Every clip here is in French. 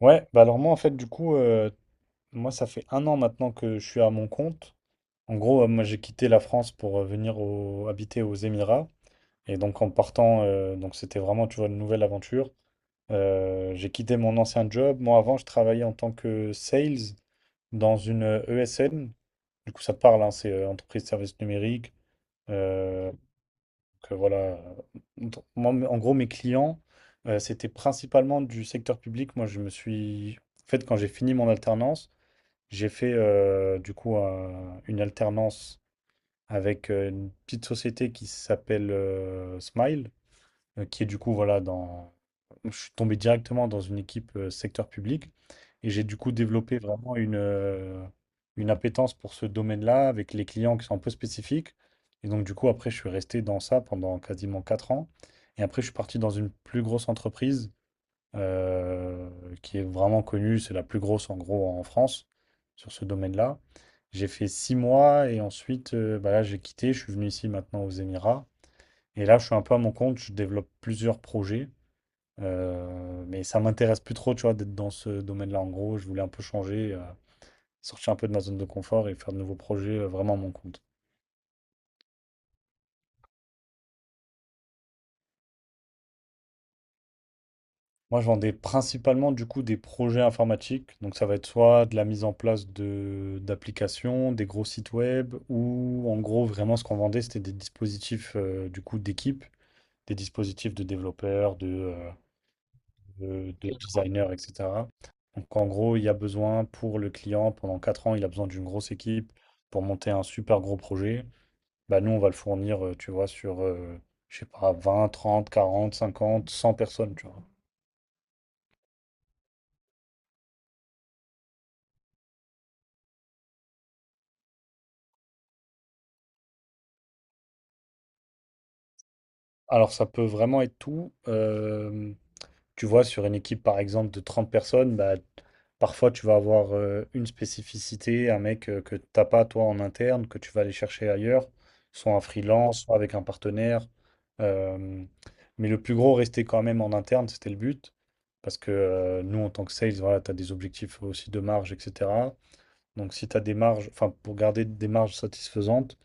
Ouais, bah alors moi en fait du coup, moi ça fait un an maintenant que je suis à mon compte. En gros, moi j'ai quitté la France pour venir habiter aux Émirats. Et donc en partant, donc c'était vraiment, tu vois, une nouvelle aventure. J'ai quitté mon ancien job. Moi avant, je travaillais en tant que sales dans une ESN. Du coup, ça parle, hein, c'est entreprise de services numériques. Euh, donc, voilà. Donc, moi, en gros, mes clients, c'était principalement du secteur public. Moi, je me suis... En fait, quand j'ai fini mon alternance, j'ai fait du coup une alternance avec une petite société qui s'appelle Smile, qui est du coup voilà dans. Je suis tombé directement dans une équipe secteur public et j'ai du coup développé vraiment une appétence pour ce domaine-là avec les clients qui sont un peu spécifiques. Et donc du coup après je suis resté dans ça pendant quasiment 4 ans. Et après je suis parti dans une plus grosse entreprise euh, qui est vraiment connue. C'est la plus grosse en gros en France sur ce domaine-là. J'ai fait 6 mois et ensuite, bah là, j'ai quitté. Je suis venu ici maintenant aux Émirats. Et là, je suis un peu à mon compte. Je développe plusieurs projets, mais ça m'intéresse plus trop, tu vois, d'être dans ce domaine-là. En gros, je voulais un peu changer, sortir un peu de ma zone de confort et faire de nouveaux projets vraiment à mon compte. Moi, je vendais principalement du coup des projets informatiques. Donc, ça va être soit de la mise en place de d'applications, des gros sites web, ou en gros, vraiment, ce qu'on vendait, c'était des dispositifs du coup d'équipe, des dispositifs de développeurs, de designers, etc. Donc, en gros, il y a besoin pour le client, pendant 4 ans, il a besoin d'une grosse équipe pour monter un super gros projet. Bah, nous, on va le fournir, tu vois, sur, je sais pas, 20, 30, 40, 50, 100 personnes, tu vois. Alors, ça peut vraiment être tout. Tu vois, sur une équipe, par exemple, de 30 personnes, bah, parfois, tu vas avoir une spécificité, un mec que tu n'as pas, toi, en interne, que tu vas aller chercher ailleurs, soit en freelance, soit avec un partenaire. Euh, mais le plus gros, rester quand même en interne, c'était le but. Parce que nous, en tant que sales, voilà, tu as des objectifs aussi de marge, etc. Donc, si tu as des marges, enfin, pour garder des marges satisfaisantes,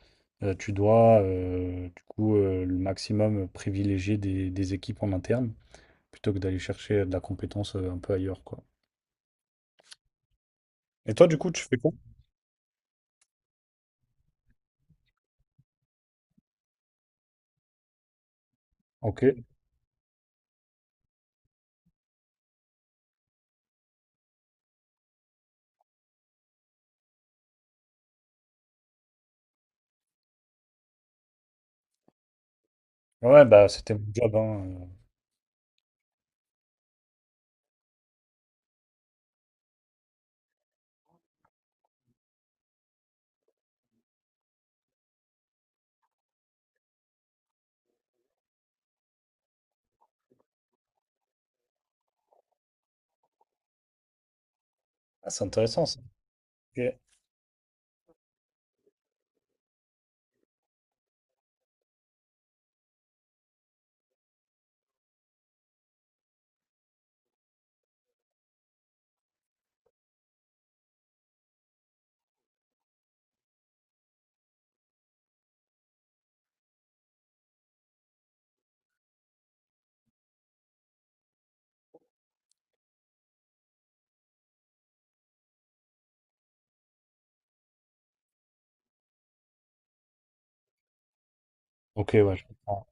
tu dois, du coup, le maximum privilégier des équipes en interne plutôt que d'aller chercher de la compétence un peu ailleurs, quoi. Et toi, du coup, tu fais quoi? Ok. Ouais, bah, c'était mon job, hein. Ah, c'est intéressant, ça. Ok, ok, ouais, je comprends.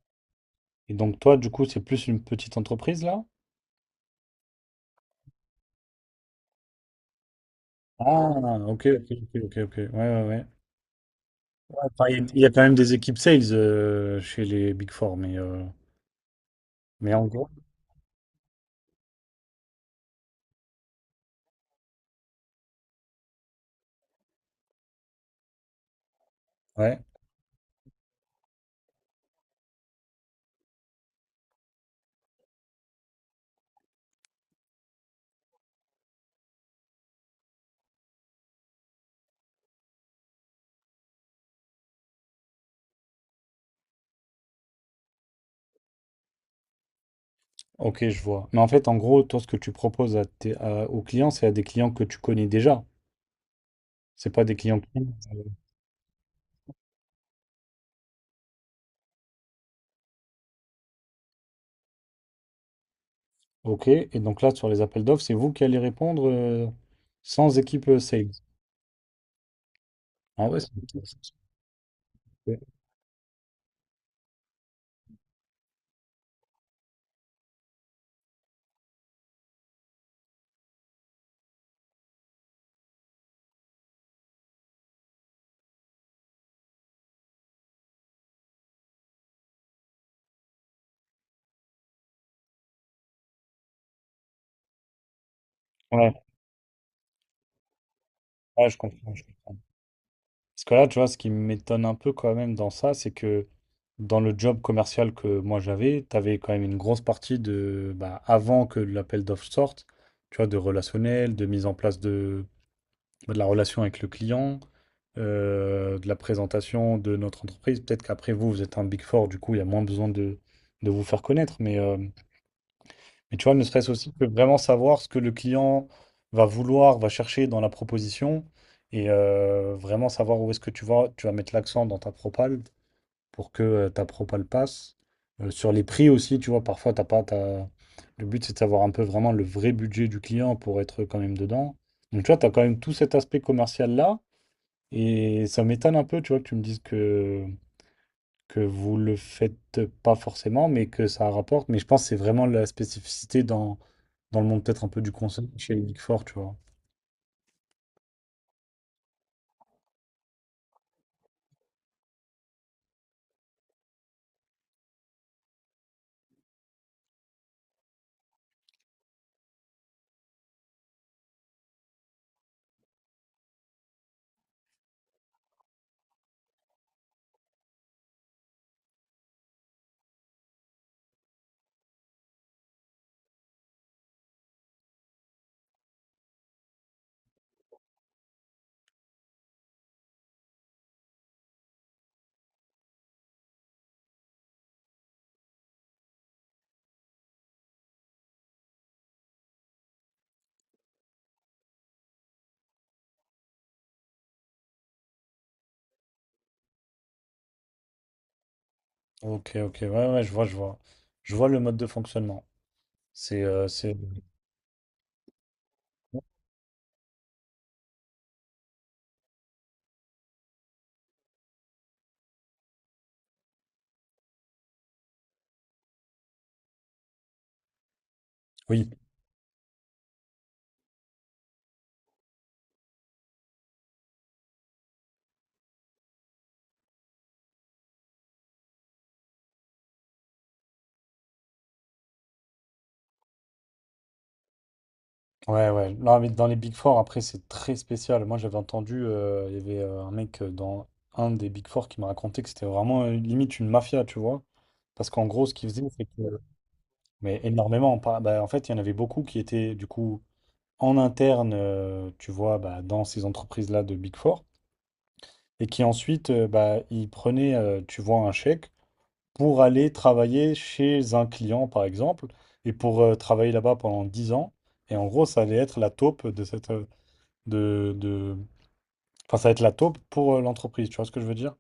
Et donc, toi, du coup, c'est plus une petite entreprise, là? Ah, ok, ok, ok, ok, ok. Ouais, ouais, ouais. Ouais, enfin, il y a quand même des équipes sales chez les Big Four, mais en gros, ouais. Ok, je vois. Mais en fait, en gros, toi, ce que tu proposes à aux clients, c'est à des clients que tu connais déjà. C'est pas des clients qui... Euh, Ok, et donc là, sur les appels d'offres, c'est vous qui allez répondre sans équipe sales. Ah ouais, c'est... Ouais, ouais, je comprends, je comprends. Parce que là, tu vois, ce qui m'étonne un peu quand même dans ça, c'est que dans le job commercial que moi j'avais, tu avais quand même une grosse partie de, bah, avant que l'appel d'offres sorte, tu vois, de relationnel, de mise en place de. De la relation avec le client, de la présentation de notre entreprise. Peut-être qu'après vous, vous êtes un Big Four, du coup, il y a moins besoin de vous faire connaître. Mais tu vois, ne serait-ce aussi que vraiment savoir ce que le client va vouloir, va chercher dans la proposition et vraiment savoir où est-ce que tu vas mettre l'accent dans ta propale pour que ta propale passe. Sur les prix aussi, tu vois, parfois, t'as pas, le but, c'est de savoir un peu vraiment le vrai budget du client pour être quand même dedans. Donc, tu vois, tu as quand même tout cet aspect commercial-là. Et ça m'étonne un peu, tu vois, que tu me dises que vous le faites pas forcément, mais que ça rapporte. Mais je pense que c'est vraiment la spécificité dans le monde peut-être un peu du conseil chez les Big Four, tu vois. Ok, ok, ouais, ouais, je vois, je vois. Je vois le mode de fonctionnement. C'est. Oui. Ouais, ouais. Non, mais dans les Big Four, après, c'est très spécial. Moi, j'avais entendu, il y avait un mec dans un des Big Four qui m'a raconté que c'était vraiment limite une mafia, tu vois. Parce qu'en gros, ce qu'ils faisaient, c'est que. Mais énormément. Bah, en fait, il y en avait beaucoup qui étaient, du coup, en interne, tu vois, bah, dans ces entreprises-là de Big Four. Et qui ensuite, bah, ils prenaient, tu vois, un chèque pour aller travailler chez un client, par exemple, et pour travailler là-bas pendant 10 ans. Et en gros, ça allait être la taupe de cette, de, de... Enfin, ça va être la taupe pour l'entreprise, tu vois ce que je veux dire?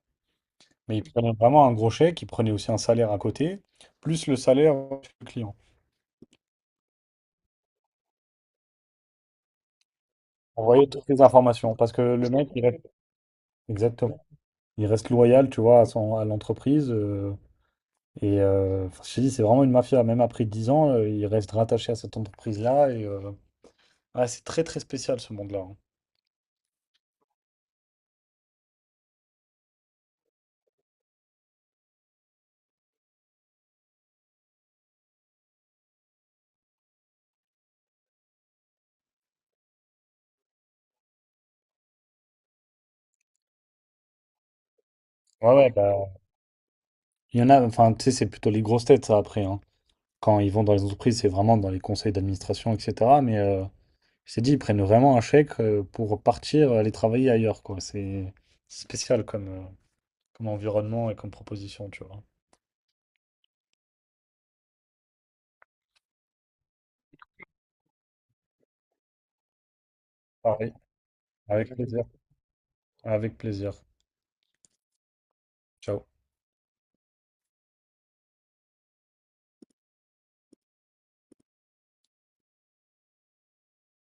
Mais ils prenaient vraiment un gros chèque, ils prenaient aussi un salaire à côté, plus le salaire du client. On voyait toutes les informations, parce que le mec, il reste... Exactement. Il reste loyal, tu vois, à son, à l'entreprise. Et enfin, je te dis, c'est vraiment une mafia. Même après 10 ans, il reste rattaché à cette entreprise-là. Et ouais, c'est très, très spécial, ce monde-là. Hein. Ouais, ouais, bah, il y en a, enfin, tu sais, c'est plutôt les grosses têtes, ça, après. Hein. Quand ils vont dans les entreprises, c'est vraiment dans les conseils d'administration, etc. Mais je t'ai dit, ils prennent vraiment un chèque pour partir aller travailler ailleurs, quoi. C'est spécial comme, comme environnement et comme proposition, tu vois. Pareil, avec plaisir. Avec plaisir. Ciao.